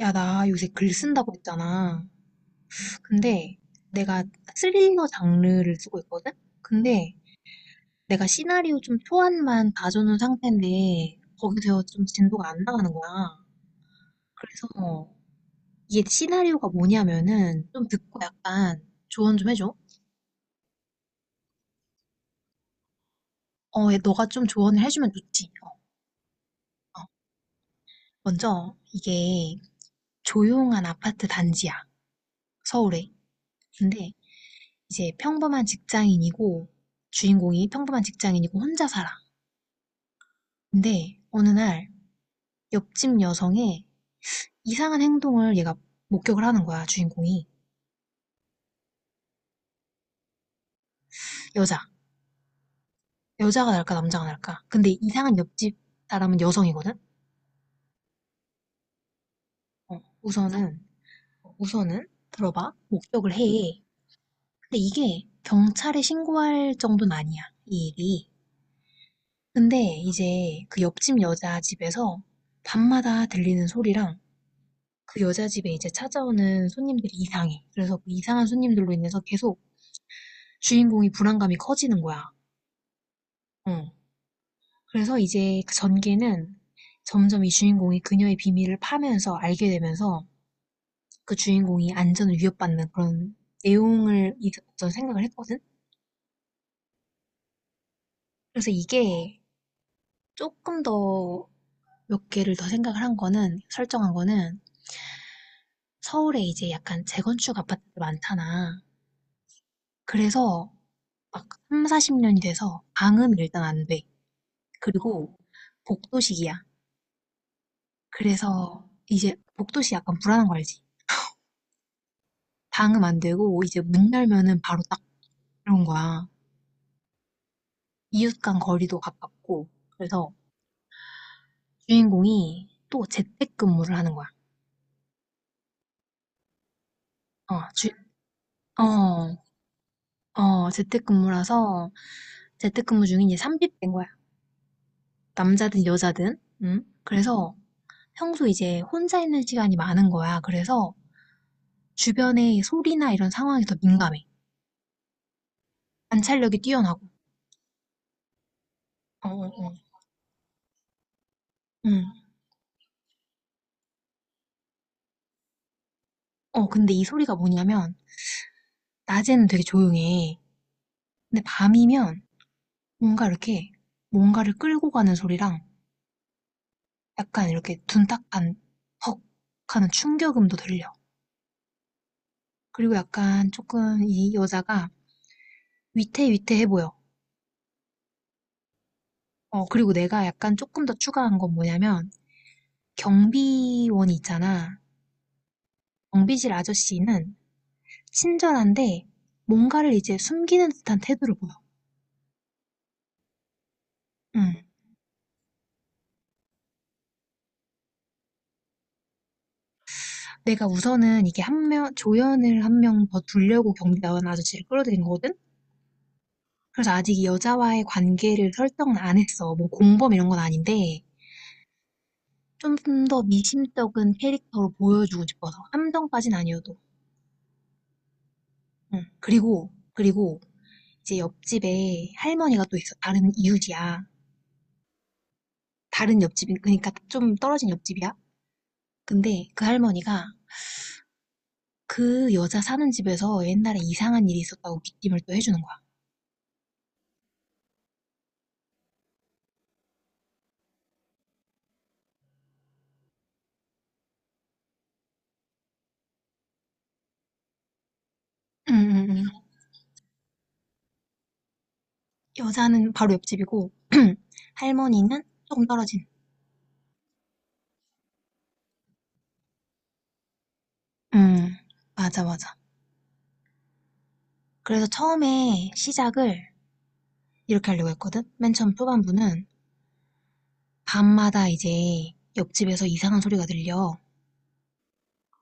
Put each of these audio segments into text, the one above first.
야, 나 요새 글 쓴다고 했잖아. 근데 내가 스릴러 장르를 쓰고 있거든? 근데 내가 시나리오 좀 초안만 봐주는 상태인데 거기서 좀 진도가 안 나가는 거야. 그래서 이게 시나리오가 뭐냐면은 좀 듣고 약간 조언 좀 해줘. 얘 너가 좀 조언을 해주면 좋지. 먼저 이게 조용한 아파트 단지야. 서울에. 근데 이제 평범한 직장인이고 주인공이 평범한 직장인이고 혼자 살아. 근데 어느 날 옆집 여성의 이상한 행동을 얘가 목격을 하는 거야, 주인공이. 여자. 여자가 날까, 남자가 날까. 근데 이상한 옆집 사람은 여성이거든? 우선은, 우선은, 들어봐. 목격을 해. 근데 이게 경찰에 신고할 정도는 아니야, 이 일이. 근데 이제 그 옆집 여자 집에서 밤마다 들리는 소리랑 그 여자 집에 이제 찾아오는 손님들이 이상해. 그래서 그 이상한 손님들로 인해서 계속 주인공이 불안감이 커지는 거야. 어. 그래서 이제 그 전개는 점점 이 주인공이 그녀의 비밀을 파면서 알게 되면서 그 주인공이 안전을 위협받는 그런 내용을 저는 생각을 했거든. 그래서 이게 조금 더 몇 개를 더 생각을 한 거는 설정한 거는 서울에 이제 약간 재건축 아파트들 많잖아. 그래서 막삼 40년이 돼서 방은 일단 안 돼. 그리고 복도식이야. 그래서 이제 복도식 약간 불안한 거 알지? 방음 안 되고 이제 문 열면은 바로 딱 그런 거야. 이웃 간 거리도 가깝고. 그래서 주인공이 또 재택근무를 하는 거야. 어, 주, 어, 재택근무라서 재택근무 중에 이제 삼비된 거야. 남자든 여자든. 응? 그래서 평소 이제 혼자 있는 시간이 많은 거야. 그래서 주변의 소리나 이런 상황이 더 민감해. 관찰력이 뛰어나고. 어, 어, 어. 응. 근데 이 소리가 뭐냐면 낮에는 되게 조용해. 근데 밤이면 뭔가 이렇게 뭔가를 끌고 가는 소리랑 약간 이렇게 둔탁한 헉 하는 충격음도 들려. 그리고 약간 조금 이 여자가 위태위태해 보여. 어, 그리고 내가 약간 조금 더 추가한 건 뭐냐면 경비원이 있잖아. 경비실 아저씨는 친절한데 뭔가를 이제 숨기는 듯한 태도를 보여. 음. 내가 우선은 이게 한 명, 조연을 한 명 더 두려고 경비원 아저씨를 끌어들인 거거든? 그래서 아직 이 여자와의 관계를 설정은 안 했어. 뭐 공범 이런 건 아닌데, 좀 더 미심쩍은 캐릭터로 보여주고 싶어서. 함정까진 아니어도. 응. 그리고 이제 옆집에 할머니가 또 있어. 다른 이웃이야. 다른 옆집, 그러니까 좀 떨어진 옆집이야. 근데 그 할머니가 그 여자 사는 집에서 옛날에 이상한 일이 있었다고 귀띔을 또 해주는 거야. 응, 응, 응. 여자는 바로 옆집이고, 할머니는 조금 떨어진. 응, 맞아, 맞아. 그래서 처음에 시작을 이렇게 하려고 했거든? 맨 처음 초반부는 밤마다 이제 옆집에서 이상한 소리가 들려.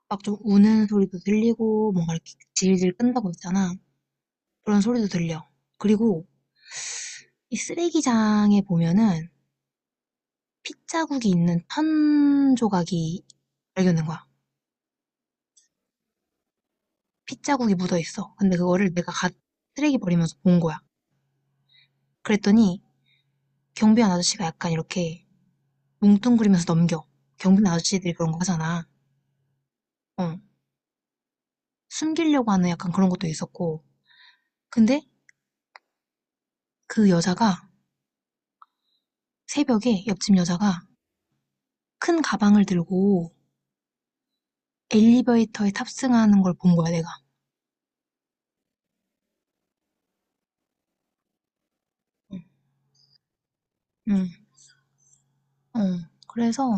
막 좀 우는 소리도 들리고 뭔가 이렇게 질질 끈다고 했잖아. 그런 소리도 들려. 그리고 이 쓰레기장에 보면은 핏자국이 있는 천 조각이 발견된 거야. 핏자국이 묻어 있어. 근데 그거를 내가 갓 쓰레기 버리면서 본 거야. 그랬더니 경비원 아저씨가 약간 이렇게 뭉뚱그리면서 넘겨. 경비원 아저씨들이 그런 거 하잖아. 어. 숨기려고 하는 약간 그런 것도 있었고. 근데 그 여자가 새벽에 옆집 여자가 큰 가방을 들고 엘리베이터에 탑승하는 걸 본 거야, 내가. 응, 응. 어. 그래서,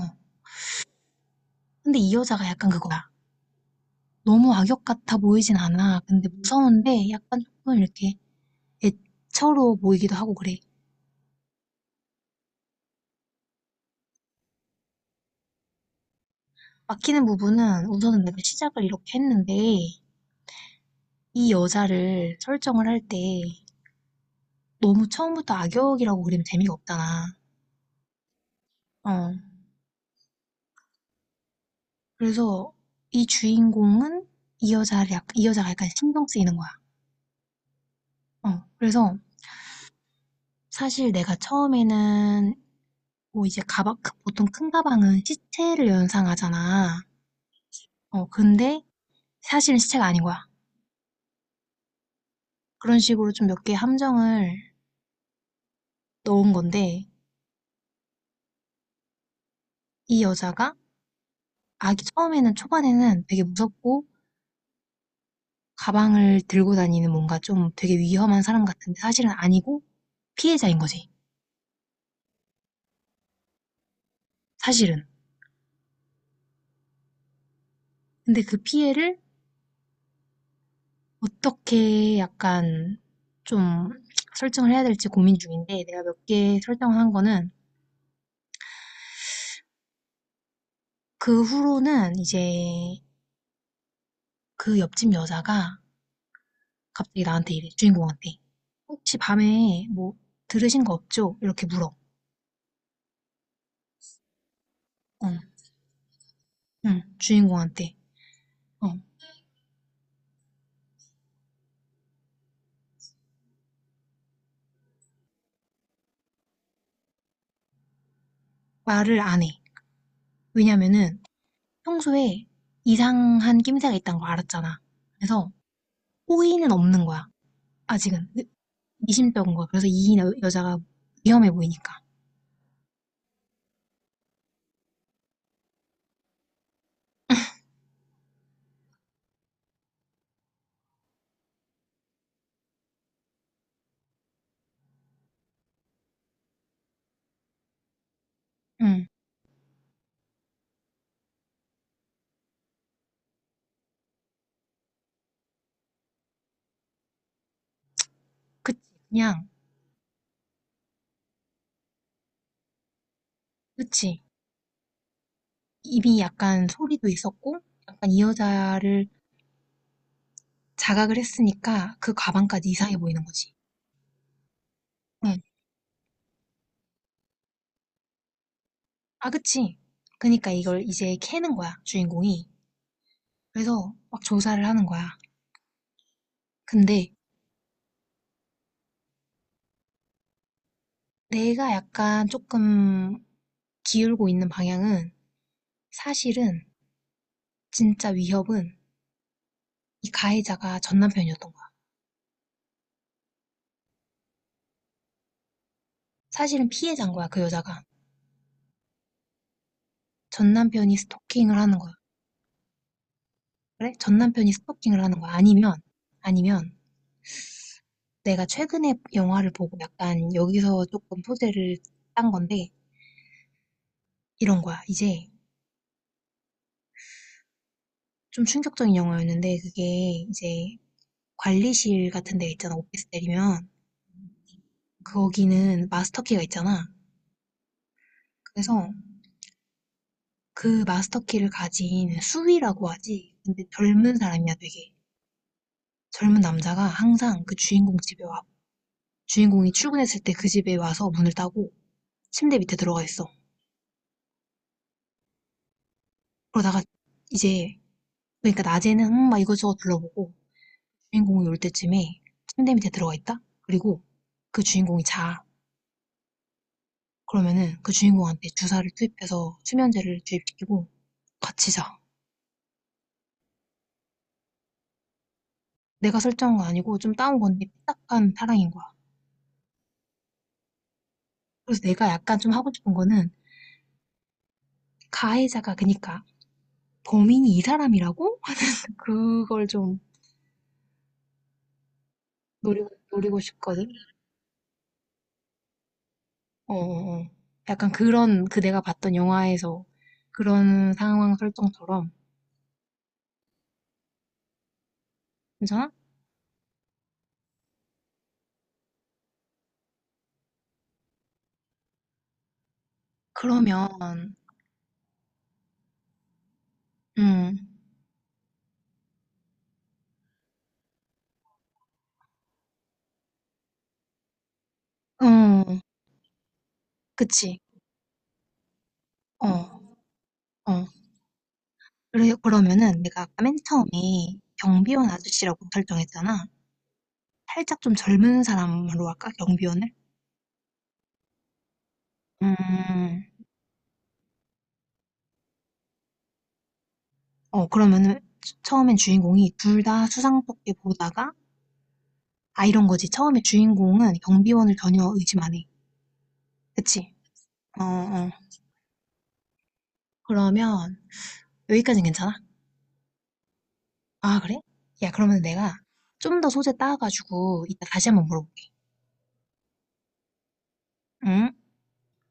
근데 이 여자가 약간 그거야. 너무 악역 같아 보이진 않아. 근데 무서운데 약간 조금 이렇게 애처로 보이기도 하고 그래. 막히는 부분은 우선은 내가 시작을 이렇게 했는데, 이 여자를 설정을 할 때 너무 처음부터 악역이라고 그리면 재미가 없잖아. 어. 그래서 이 주인공은 이 여자를 약, 이 여자가 약간 신경 쓰이는 거야. 어, 그래서 사실 내가 처음에는 뭐 이제 가방, 크- 보통 큰 가방은 시체를 연상하잖아. 어, 근데 사실은 시체가 아닌 거야. 그런 식으로 좀 몇 개 함정을 넣은 건데, 이 여자가 아기 처음에는 초반에는 되게 무섭고, 가방을 들고 다니는 뭔가 좀 되게 위험한 사람 같은데 사실은 아니고 피해자인 거지. 사실은. 근데 그 피해를 어떻게 약간 좀 설정을 해야 될지 고민 중인데 내가 몇 개 설정을 한 거는 그 후로는 이제 그 옆집 여자가 갑자기 나한테 이래, 주인공한테. 혹시 밤에 뭐 들으신 거 없죠? 이렇게 물어. 어, 응, 주인공한테. 어, 말을 안 해. 왜냐면은 평소에 이상한 낌새가 있다는 걸 알았잖아. 그래서 호의는 없는 거야. 아직은. 미심쩍은 거야. 그래서 이 여- 여자가 위험해 보이니까. 응, 그치. 그냥, 그치. 입이 약간 소리도 있었고, 약간 이 여자를 자각을 했으니까 그 가방까지 이상해 보이는 거지. 응. 아, 그치. 그니까 러 이걸 이제 캐는 거야, 주인공이. 그래서 막 조사를 하는 거야. 근데 내가 약간 조금 기울고 있는 방향은 사실은 진짜 위협은 이 가해자가 전 남편이었던 거야. 사실은 피해자인 거야, 그 여자가. 전 남편이 스토킹을 하는 거야. 그래? 전 남편이 스토킹을 하는 거야. 아니면, 아니면 내가 최근에 영화를 보고 약간 여기서 조금 소재를 딴 건데 이런 거야. 이제 좀 충격적인 영화였는데 그게 이제 관리실 같은 데 있잖아. 오피스 때리면 거기는 마스터키가 있잖아. 그래서 그 마스터키를 가진 수위라고 하지. 근데 젊은 사람이야 되게. 젊은 남자가 항상 그 주인공 집에 와. 주인공이 출근했을 때 그 집에 와서 문을 따고 침대 밑에 들어가 있어. 그러다가 이제 그러니까 낮에는 막 이것저것 둘러보고 주인공이 올 때쯤에 침대 밑에 들어가 있다. 그리고 그 주인공이 자. 그러면은 그 주인공한테 주사를 투입해서 수면제를 주입시키고 같이 자. 내가 설정한 거 아니고 좀 따온 건데 삐딱한 사랑인 거야. 그래서 내가 약간 좀 하고 싶은 거는 가해자가 그니까 범인이 이 사람이라고? 그걸 좀 노리고 싶거든. 어, 어, 어. 약간 그런 그 내가 봤던 영화에서 그런 상황 설정처럼 괜찮아? 그러면 음, 어, 그치. 어, 어. 그래, 그러면은 내가 아까 맨 처음에 경비원 아저씨라고 설정했잖아. 살짝 좀 젊은 사람으로 할까? 경비원을? 음, 그러면은 주- 처음엔 주인공이 둘 다 수상스럽게 보다가, 아, 이런 거지. 처음에 주인공은 경비원을 전혀 의심 안 해. 그치? 어, 어. 그러면 여기까지는 괜찮아? 아, 그래? 야, 그러면 내가 좀 더 소재 따가지고 이따 다시 한번 물어볼게. 응?